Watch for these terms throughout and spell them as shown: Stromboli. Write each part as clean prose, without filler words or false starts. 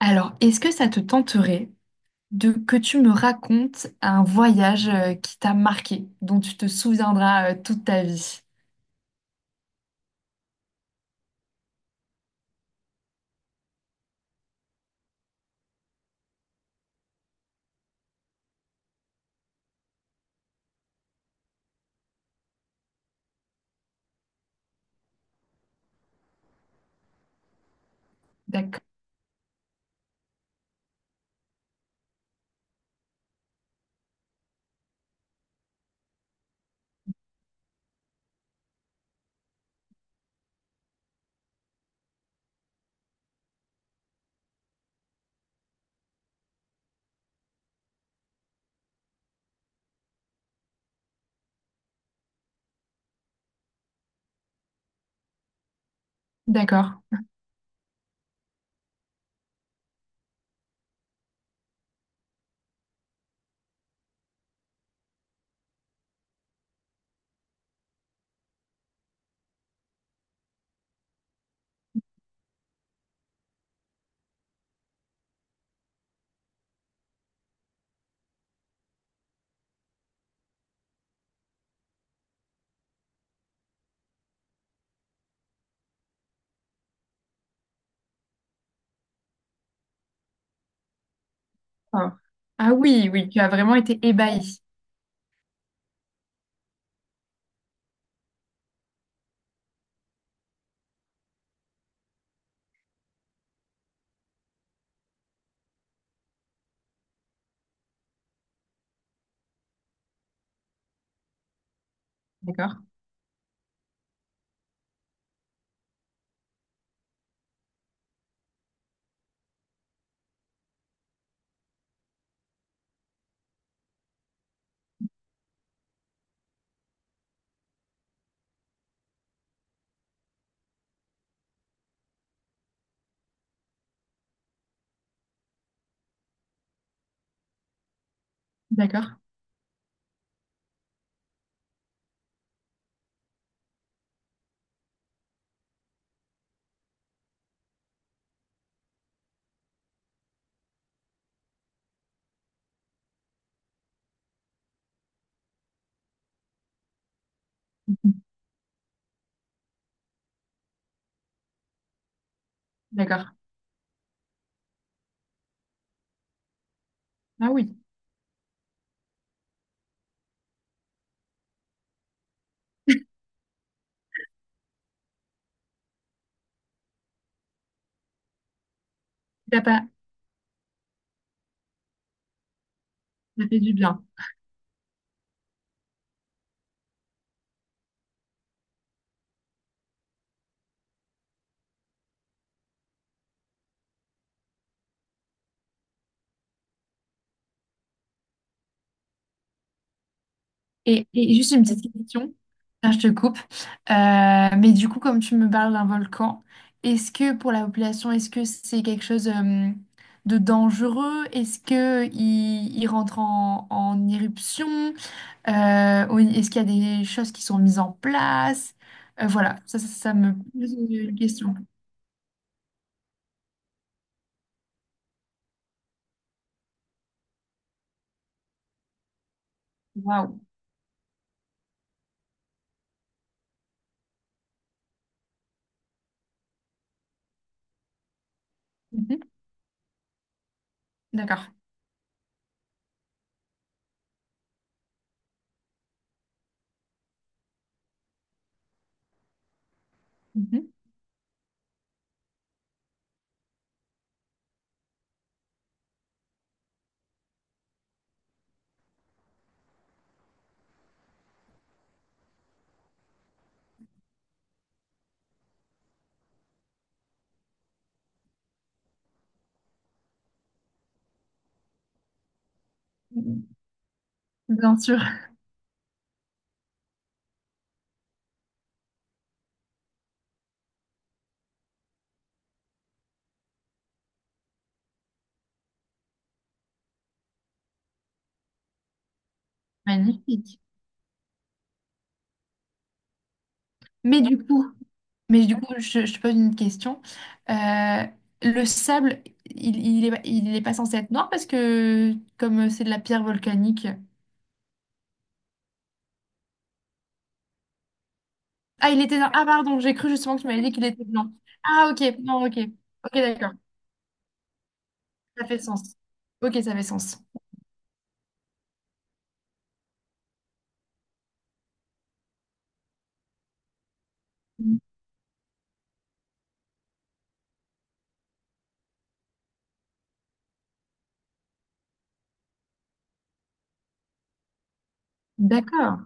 Alors, est-ce que ça te tenterait de que tu me racontes un voyage qui t'a marqué, dont tu te souviendras toute ta vie? D'ac- D'accord. Ah. Ah oui, oui, tu as vraiment été ébahi. D'accord, d'accord, mhm. D'accord. Ah oui, ça t'a pas, ça fait du bien. Et juste une petite question, là, je te coupe. Mais du coup, comme tu me parles d'un volcan, est-ce que pour la population, est-ce que c'est quelque chose de dangereux? Est-ce que il rentre en, en éruption? Ou est-ce qu'il y a des choses qui sont mises en place? Voilà, ça me pose une question. Waouh. Mhm. D'accord. Mhm. Bien sûr. Magnifique. Mais du coup, mais du coup, je te pose une question. Euh, le sable, il est pas censé être noir parce que comme c'est de la pierre volcanique. Ah, il était noir. Ah, pardon, j'ai cru justement que tu m'avais dit qu'il était blanc. Ah, ok, non, ok. Ok, d'accord. Ça fait sens. Ok, ça fait sens. Mm. D'accord.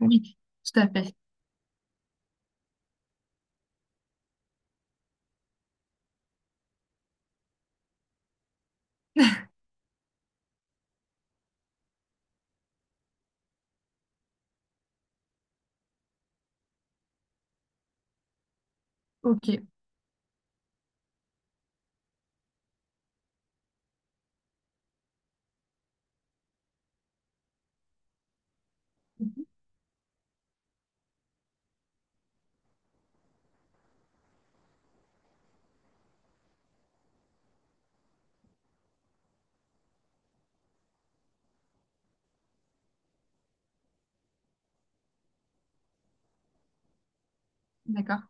Oui, tout à fait. Ok. Mhm. D'accord.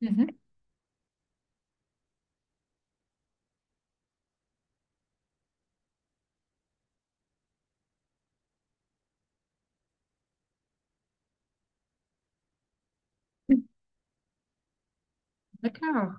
Mhm. D'accord.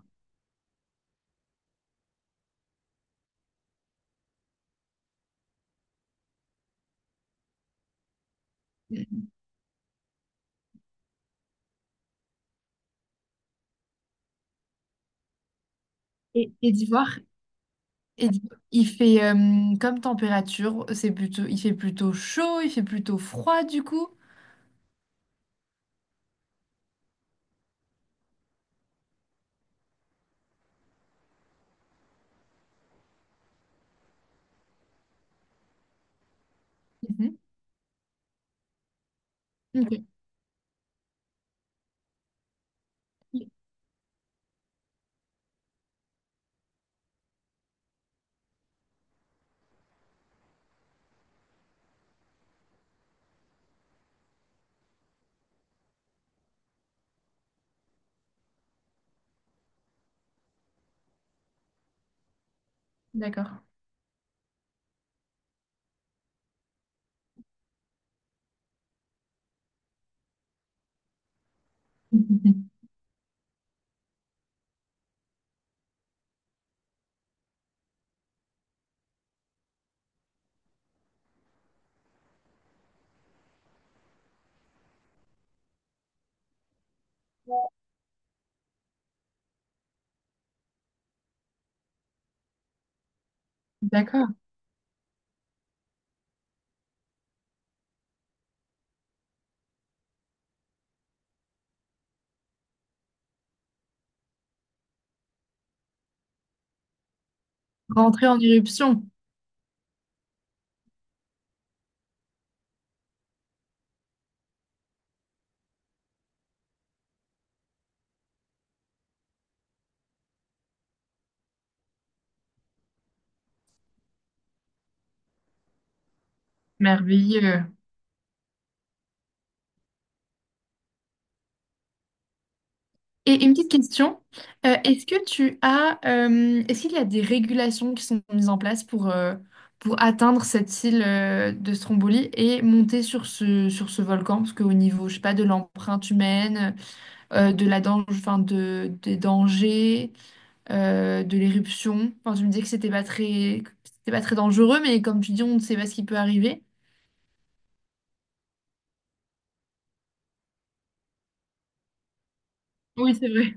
Et, et d'Ivoire, et d'Ivoire, il fait comme température, c'est plutôt, il fait plutôt chaud, il fait plutôt froid du coup. Mhm. Ok. D'accord. Mhm. D'accord. Rentrer en éruption. Merveilleux. Et une petite question. Est-ce que tu as, est-ce qu'il y a des régulations qui sont mises en place pour atteindre cette île, de Stromboli et monter sur ce volcan? Parce qu'au niveau, je sais pas, de l'empreinte humaine, de la dan- enfin, de, des dangers, de l'éruption. Enfin, tu me disais que c'était pas très, que c'était pas très dangereux, mais comme tu dis, on ne sait pas ce qui peut arriver. Oui, c'est vrai.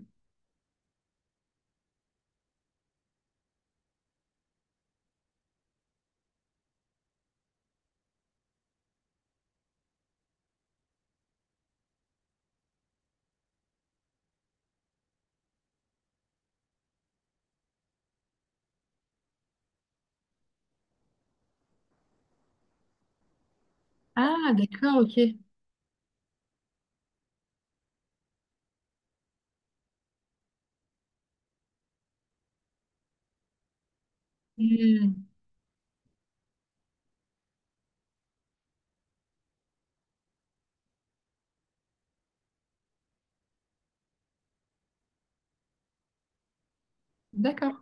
Ah, d'accord, ok. Hmm, d'accord,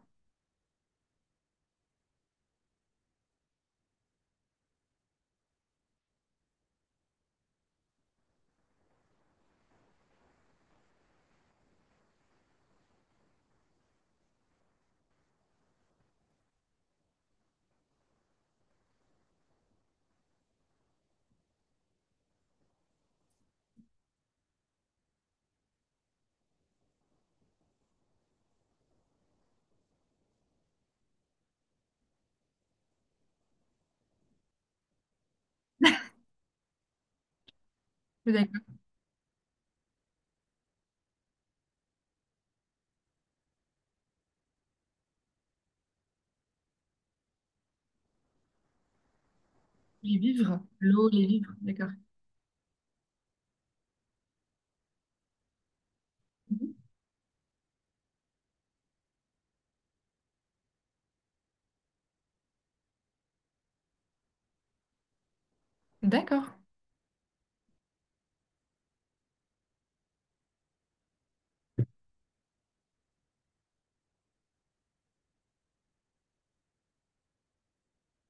d'accord. Les vivres, l'eau, les vivres, d'accord. Mhm. D'accord,